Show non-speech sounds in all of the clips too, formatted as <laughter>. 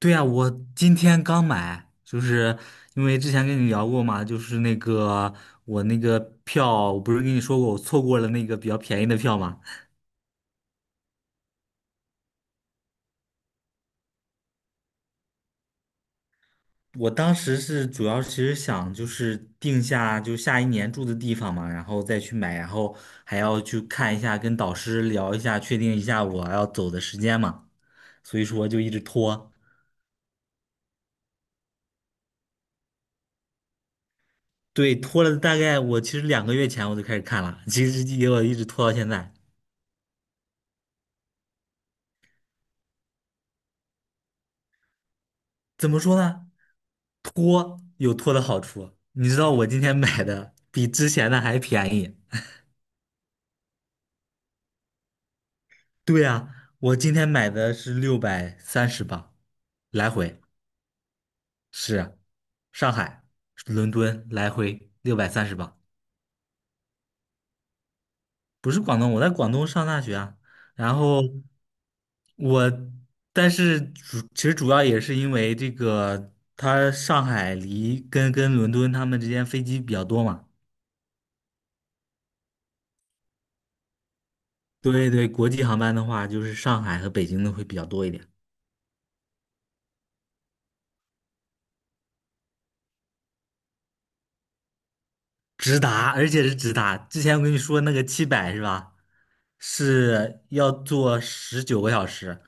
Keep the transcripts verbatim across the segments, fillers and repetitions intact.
对呀，我今天刚买，就是因为之前跟你聊过嘛，就是那个我那个票，我不是跟你说过我错过了那个比较便宜的票嘛？我当时是主要其实想就是定下就下一年住的地方嘛，然后再去买，然后还要去看一下，跟导师聊一下，确定一下我要走的时间嘛，所以说就一直拖。对，拖了大概我其实两个月前我就开始看了，其实也我一直拖到现在。怎么说呢？拖有拖的好处，你知道我今天买的比之前的还便宜。对呀，我今天买的是六百三十磅，来回是上海、伦敦来回六百三十磅。不是广东，我在广东上大学啊。然后我，但是主其实主要也是因为这个，它上海离跟跟伦敦他们之间飞机比较多嘛。对对，国际航班的话，就是上海和北京的会比较多一点。直达，而且是直达。之前我跟你说那个七百是吧？是要坐十九个小时，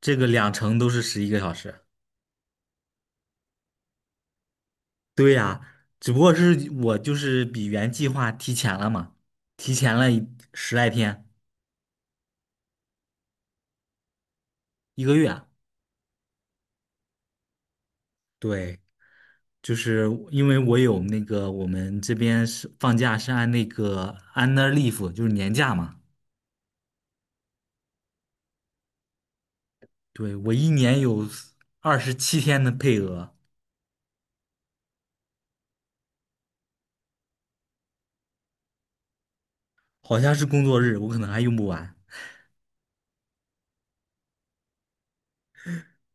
这个两程都是十一个小时。对呀，只不过是我就是比原计划提前了嘛，提前了一十来天，一个月啊。对，就是因为我有那个我们这边是放假是按那个 annual leave，就是年假嘛。对，我一年有二十七天的配额。好像是工作日，我可能还用不完。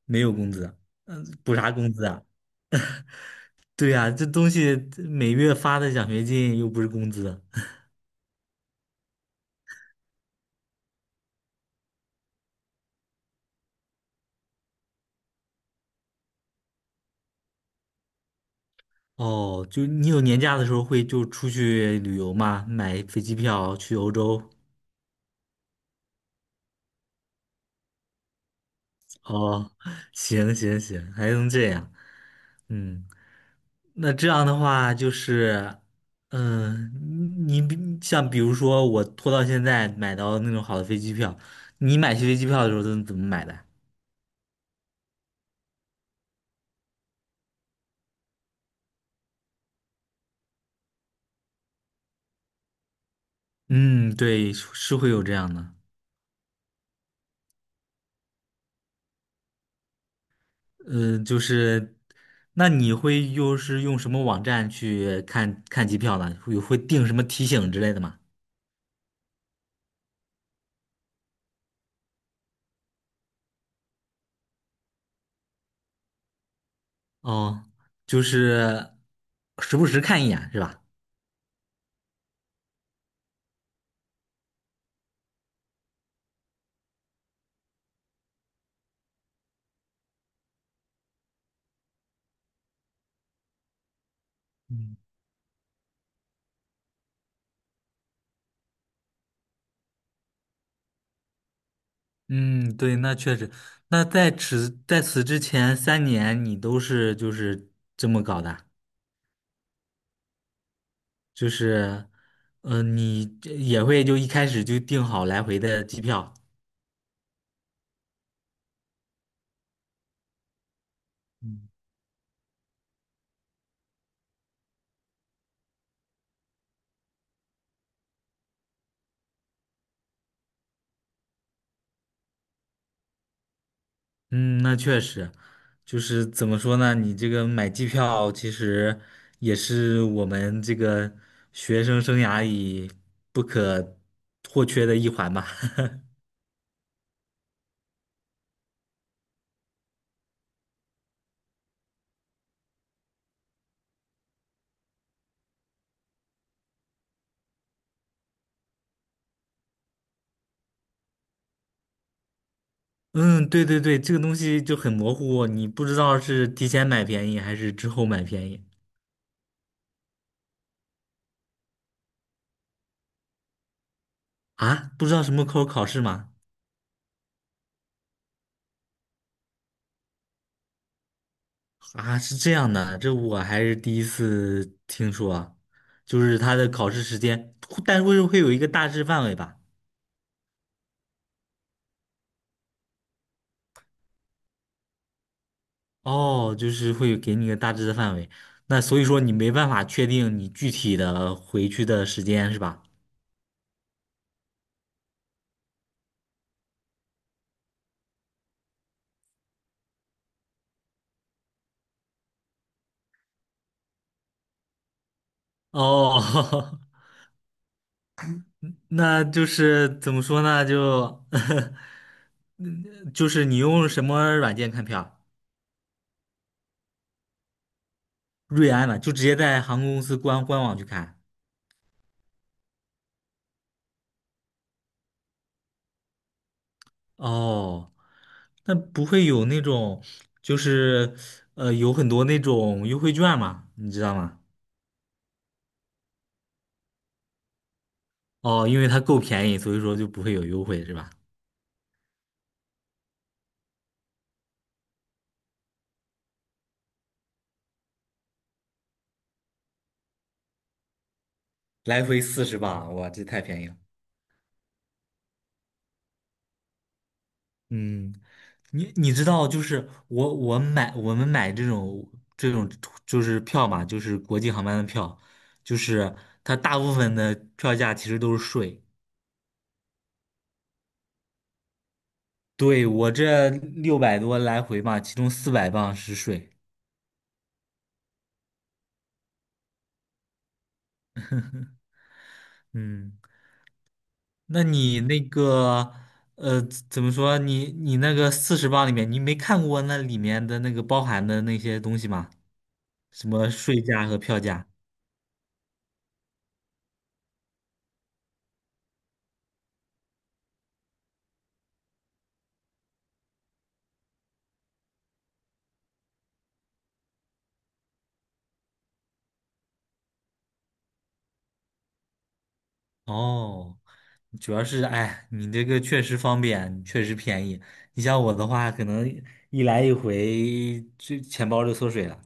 没有工资，嗯，补啥工资啊？对呀，这东西这每月发的奖学金又不是工资。<laughs> 哦，就你有年假的时候会就出去旅游吗？买飞机票去欧洲？哦，<laughs> 行行行，还能这样，嗯。那这样的话就是，嗯，你比像比如说我拖到现在买到那种好的飞机票，你买飞机票的时候都怎么买的？嗯，对，是是会有这样的。嗯，就是，那你会又是用什么网站去看看机票呢？会会定什么提醒之类的吗？哦，就是时不时看一眼是吧？嗯，对，那确实。那在此在此之前三年，你都是就是这么搞的。就是，呃，你这也会就一开始就订好来回的机票。嗯。嗯，那确实，就是怎么说呢？你这个买机票其实也是我们这个学生生涯里不可或缺的一环吧。<laughs> 嗯，对对对，这个东西就很模糊，你不知道是提前买便宜还是之后买便宜。啊，不知道什么口考试吗？啊，是这样的，这我还是第一次听说啊。就是它的考试时间，但是会会有一个大致范围吧？哦，就是会给你个大致的范围。那所以说你没办法确定你具体的回去的时间是吧？哦，<laughs> 那就是怎么说呢？就 <laughs> 就是你用什么软件看票？瑞安的就直接在航空公司官官网去看。哦，那不会有那种，就是呃，有很多那种优惠券嘛，你知道吗？哦，因为它够便宜，所以说就不会有优惠，是吧？来回四十吧，哇，这太便宜了。嗯，你你知道，就是我我买我们买这种这种就是票嘛，就是国际航班的票，就是它大部分的票价其实都是税。对，我这六百多来回嘛，其中四百磅是税。嗯。那你那个呃，怎么说？你你那个四十磅里面，你没看过那里面的那个包含的那些东西吗？什么税价和票价？哦，主要是哎，你这个确实方便，确实便宜。你像我的话，可能一来一回，就钱包就缩水了。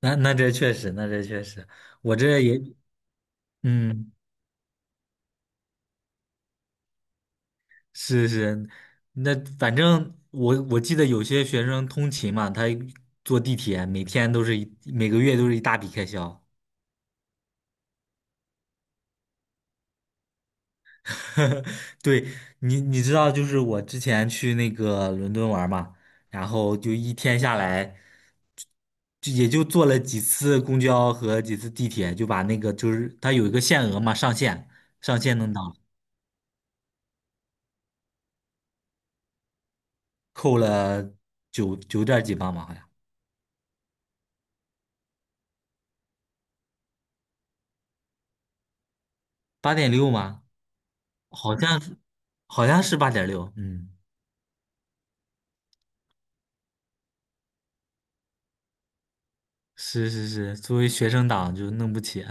那那这确实，那这确实，我这也嗯。是是，那反正我我记得有些学生通勤嘛，他坐地铁每天都是一每个月都是一大笔开销。<laughs> 对，你你知道，就是我之前去那个伦敦玩嘛，然后就一天下来，就也就坐了几次公交和几次地铁，就把那个就是它有一个限额嘛，上限上限能到，扣了九九点儿几磅嘛，好像八点六吗？好像是好像是八点六，嗯，是是是，作为学生党就弄不起。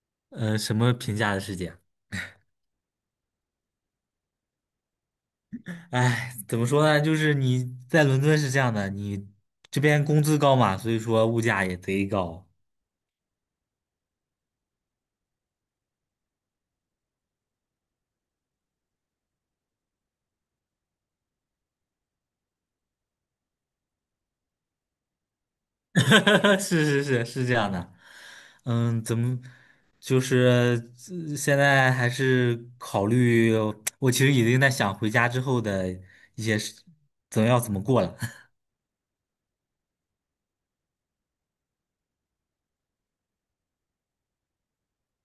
<laughs> 呃，什么评价的世界？哎，怎么说呢？就是你在伦敦是这样的，你这边工资高嘛，所以说物价也贼高。<laughs> 是是是是这样的。嗯，怎么就是呃现在还是考虑，我其实已经在想回家之后的一些事，怎么要怎么过了。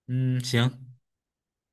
<laughs> 嗯，行。